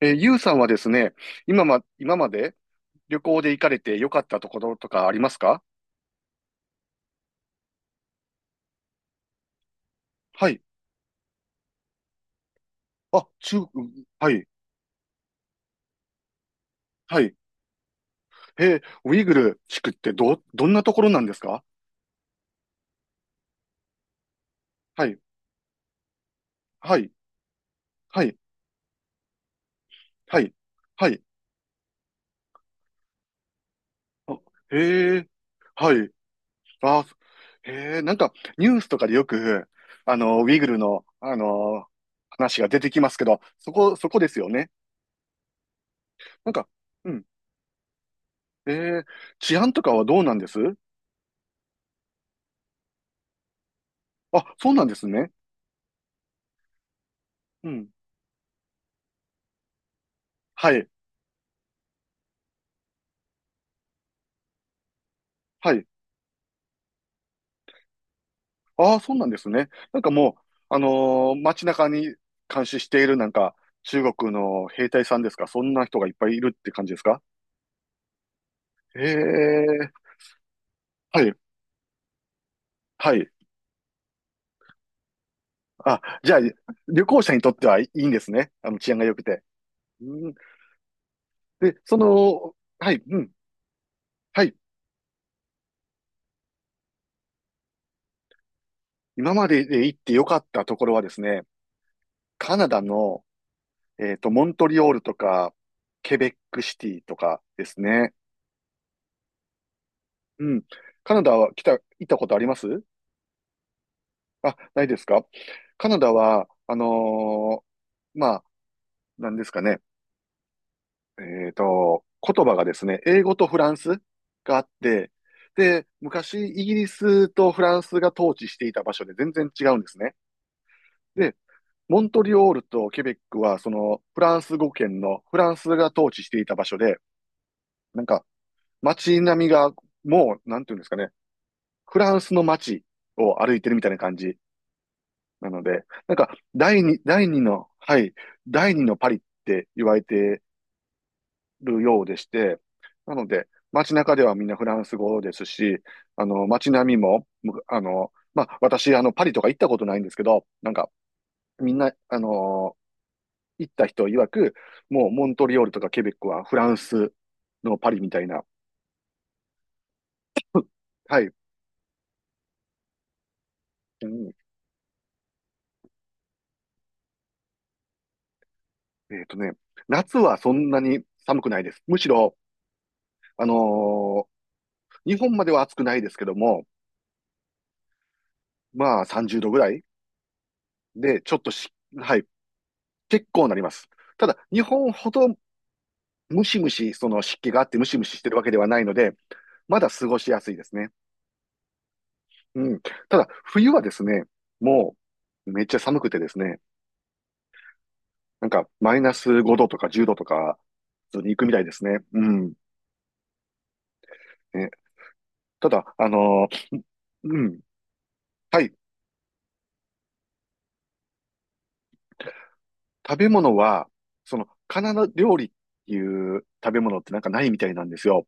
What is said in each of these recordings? ゆうさんはですね、今まで旅行で行かれて良かったところとかありますか？はい。あ、中、うん、はい、はい。ウイグル地区ってどんなところなんですか？はい、はい、はい、はい、はい。あ、へえ、はい。あ、へえ、なんかニュースとかでよく、あの、ウイグルの、あの、話が出てきますけど、そこですよね。なんか、うん。えー、治安とかはどうなんです？あ、そうなんですね。うん。はい、はい。ああ、そうなんですね。なんかもう、あのー街中に監視しているなんか、中国の兵隊さんですか、そんな人がいっぱいいるって感じですか？へえ、はい、はい。あ、じゃあ、旅行者にとってはいいんですね。あの、治安が良くて。うん、で、その、はい、うん、はい。今までで行って良かったところはですね、カナダの、えっと、モントリオールとか、ケベックシティとかですね。うん。カナダは行ったことあります？あ、ないですか。カナダは、あのー、まあ、なんですかね。えっと、言葉がですね、英語とフランスがあって、で、昔、イギリスとフランスが統治していた場所で全然違うんですね。で、モントリオールとケベックは、その、フランス語圏のフランスが統治していた場所で、なんか、街並みが、もう、なんていうんですかね、フランスの街を歩いてるみたいな感じ。なので、なんか、第二の、はい、第二のパリって言われてるようでして、なので、街中ではみんなフランス語ですし、あの、街並みも、あの、まあ、私、あの、パリとか行ったことないんですけど、なんか、みんな、あの、行った人曰く、もう、モントリオールとかケベックはフランスのパリみたいな、はい、うん、えっとね、夏はそんなに寒くないです。むしろ、あのー日本までは暑くないですけども、まあ30度ぐらいで、ちょっとし、はい、結構なります。ただ、日本ほどムシムシ、その湿気があってムシムシしてるわけではないので、まだ過ごしやすいですね。うん。ただ、冬はですね、もうめっちゃ寒くてですね、なんかマイナス5度とか10度とか、普通に行くみたいですね。うん。ね、ただ、あのー、うん。はい。食べ物は、その、カナダ料理っていう食べ物ってなんかないみたいなんですよ。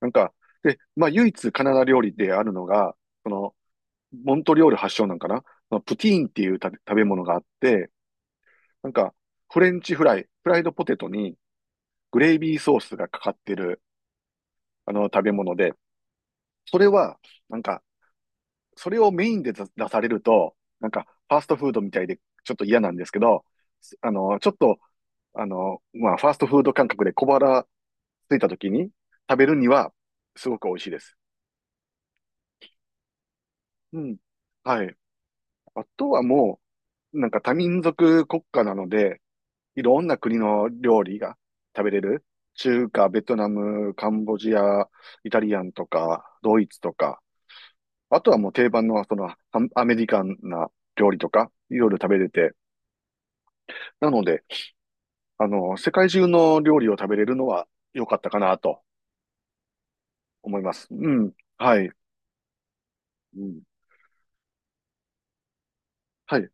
なんか、で、まあ、唯一カナダ料理であるのが、その、モントリオール発祥なんかな、まあ、プティーンっていう食べ物があって、なんか、フレンチフライ、フライドポテトにグレイビーソースがかかってる、あの、食べ物で、それは、なんか、それをメインで出されると、なんか、ファーストフードみたいで、ちょっと嫌なんですけど、あの、ちょっと、あの、まあ、ファーストフード感覚で小腹ついた時に食べるには、すごく美味しいです。うん。はい。あとはもう、なんか多民族国家なので、いろんな国の料理が食べれる。中華、ベトナム、カンボジア、イタリアンとか、ドイツとか、あとはもう定番のそのアメリカンな料理とか、いろいろ食べれて、なので、あの、世界中の料理を食べれるのは良かったかなと思います。うん。はい。うん、はい。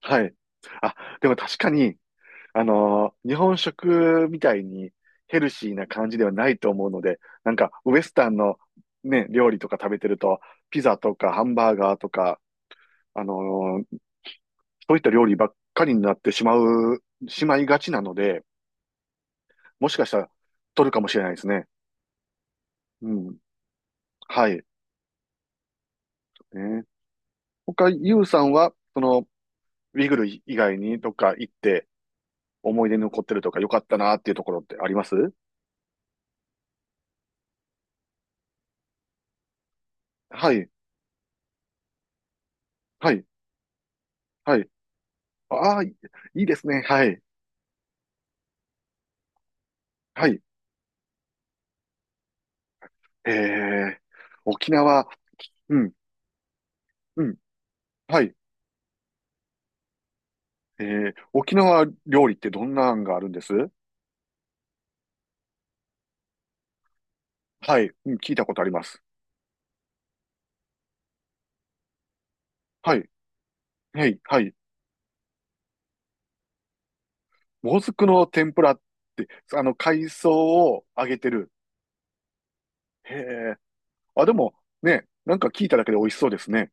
はい。あ、でも確かに、あのー日本食みたいにヘルシーな感じではないと思うので、なんかウエスタンのね、料理とか食べてると、ピザとかハンバーガーとか、あのーそういった料理ばっかりになってしまう、しまいがちなので、もしかしたら取るかもしれないですね。うん。はい。ね、他、ユウさんは、その、ウィグル以外にどっか行って思い出に残ってるとか良かったなっていうところってあります？はい。はい。はい。ああ、い、いいですね。はい。はい。ええ、沖縄、うん、うん、はい。ええ、沖縄料理ってどんな案があるんです？はい、うん、聞いたことあります。はい、はい、はい。もずくの天ぷらって、あの、海藻を揚げてる。へえ、あ、でも、ね、なんか聞いただけで美味しそうですね。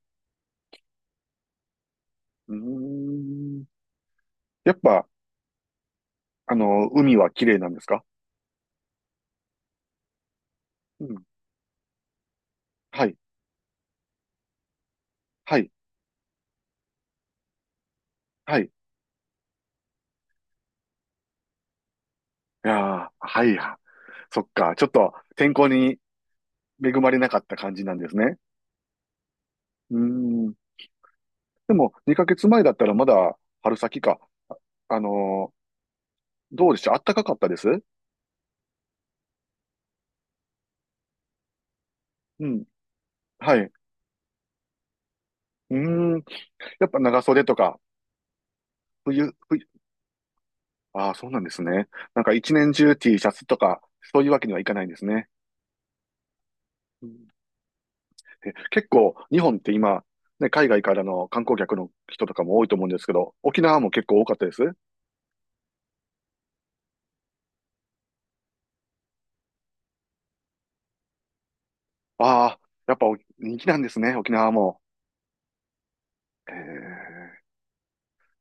うーん。やっぱ、あの、海は綺麗なんですか？うん。はい、はい、はい。いやー、はい、そっか、ちょっと天候に恵まれなかった感じなんですね。うーん。でも、2ヶ月前だったらまだ春先か。あのー、どうでしょう、暖かかったです？うん。はい。うーん。やっぱ長袖とか、冬、ああ、そうなんですね。なんか一年中 T シャツとか、そういうわけにはいかないんですね。うん、え、結構、日本って今、ね、海外からの観光客の人とかも多いと思うんですけど、沖縄も結構多かったです？ああ、やっぱお人気なんですね、沖縄も。えー、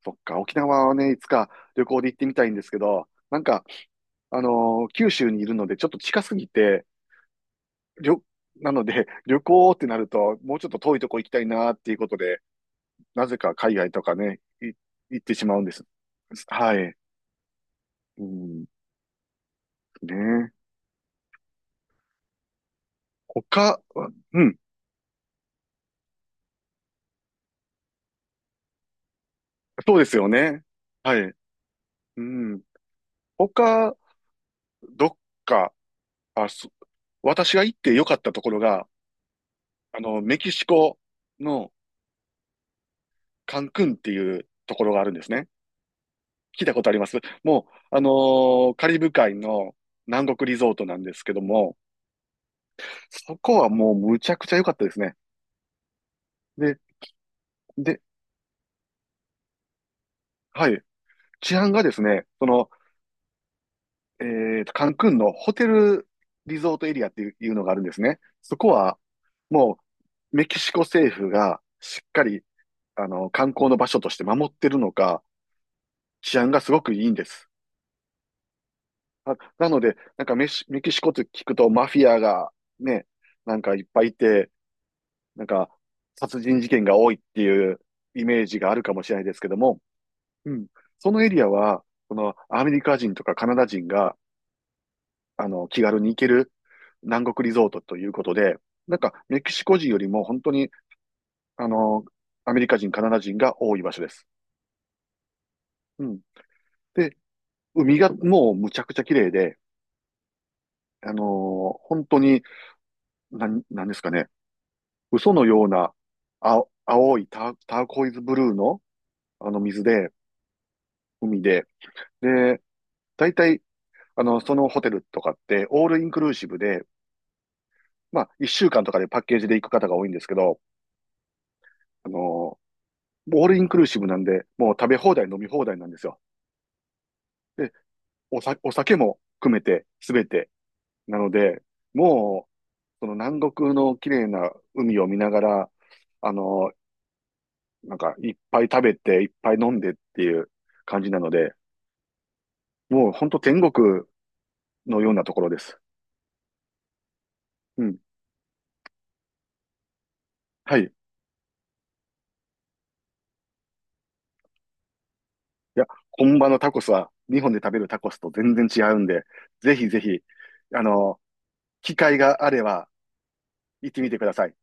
そっか、沖縄はね、いつか旅行で行ってみたいんですけど、なんか、あの九州にいるので、ちょっと近すぎて、りょ、なので、旅行ってなると、もうちょっと遠いとこ行きたいなっていうことで、なぜか海外とかね、い、行ってしまうんです。はい。うん、ね。他、うん、そうですよね。はい。うん。他、どっか、あ、そ、私が行って良かったところが、あの、メキシコのカンクンっていうところがあるんですね。聞いたことあります？もう、あのーカリブ海の南国リゾートなんですけども、そこはもうむちゃくちゃ良かったですね。で、で、はい。治安がですね、その、えーと、カンクンのホテルリゾートエリアっていうのがあるんですね。そこは、もう、メキシコ政府がしっかり、あの、観光の場所として守ってるのか、治安がすごくいいんです。あ、なので、なんかメキシコって聞くとマフィアがね、なんかいっぱいいて、なんか、殺人事件が多いっていうイメージがあるかもしれないですけども、うん。そのエリアは、このアメリカ人とかカナダ人が、あの、気軽に行ける南国リゾートということで、なんか、メキシコ人よりも本当に、あの、アメリカ人、カナダ人が多い場所です。うん。で、海がもうむちゃくちゃ綺麗で、あのー本当に、なんですかね、嘘のような青いターコイズブルーの、あの水で、海で、で、だいたいあの、そのホテルとかって、オールインクルーシブで、まあ、一週間とかでパッケージで行く方が多いんですけど、あの、オールインクルーシブなんで、もう食べ放題、飲み放題なんですよ。で、おさ、お酒も含めて、すべて。なので、もう、その南国の綺麗な海を見ながら、あの、なんか、いっぱい食べて、いっぱい飲んでっていう感じなので、もう本当天国のようなところです。うん。はい。いや、本場のタコスは、日本で食べるタコスと全然違うんで、ぜひぜひ、あの、機会があれば行ってみてください。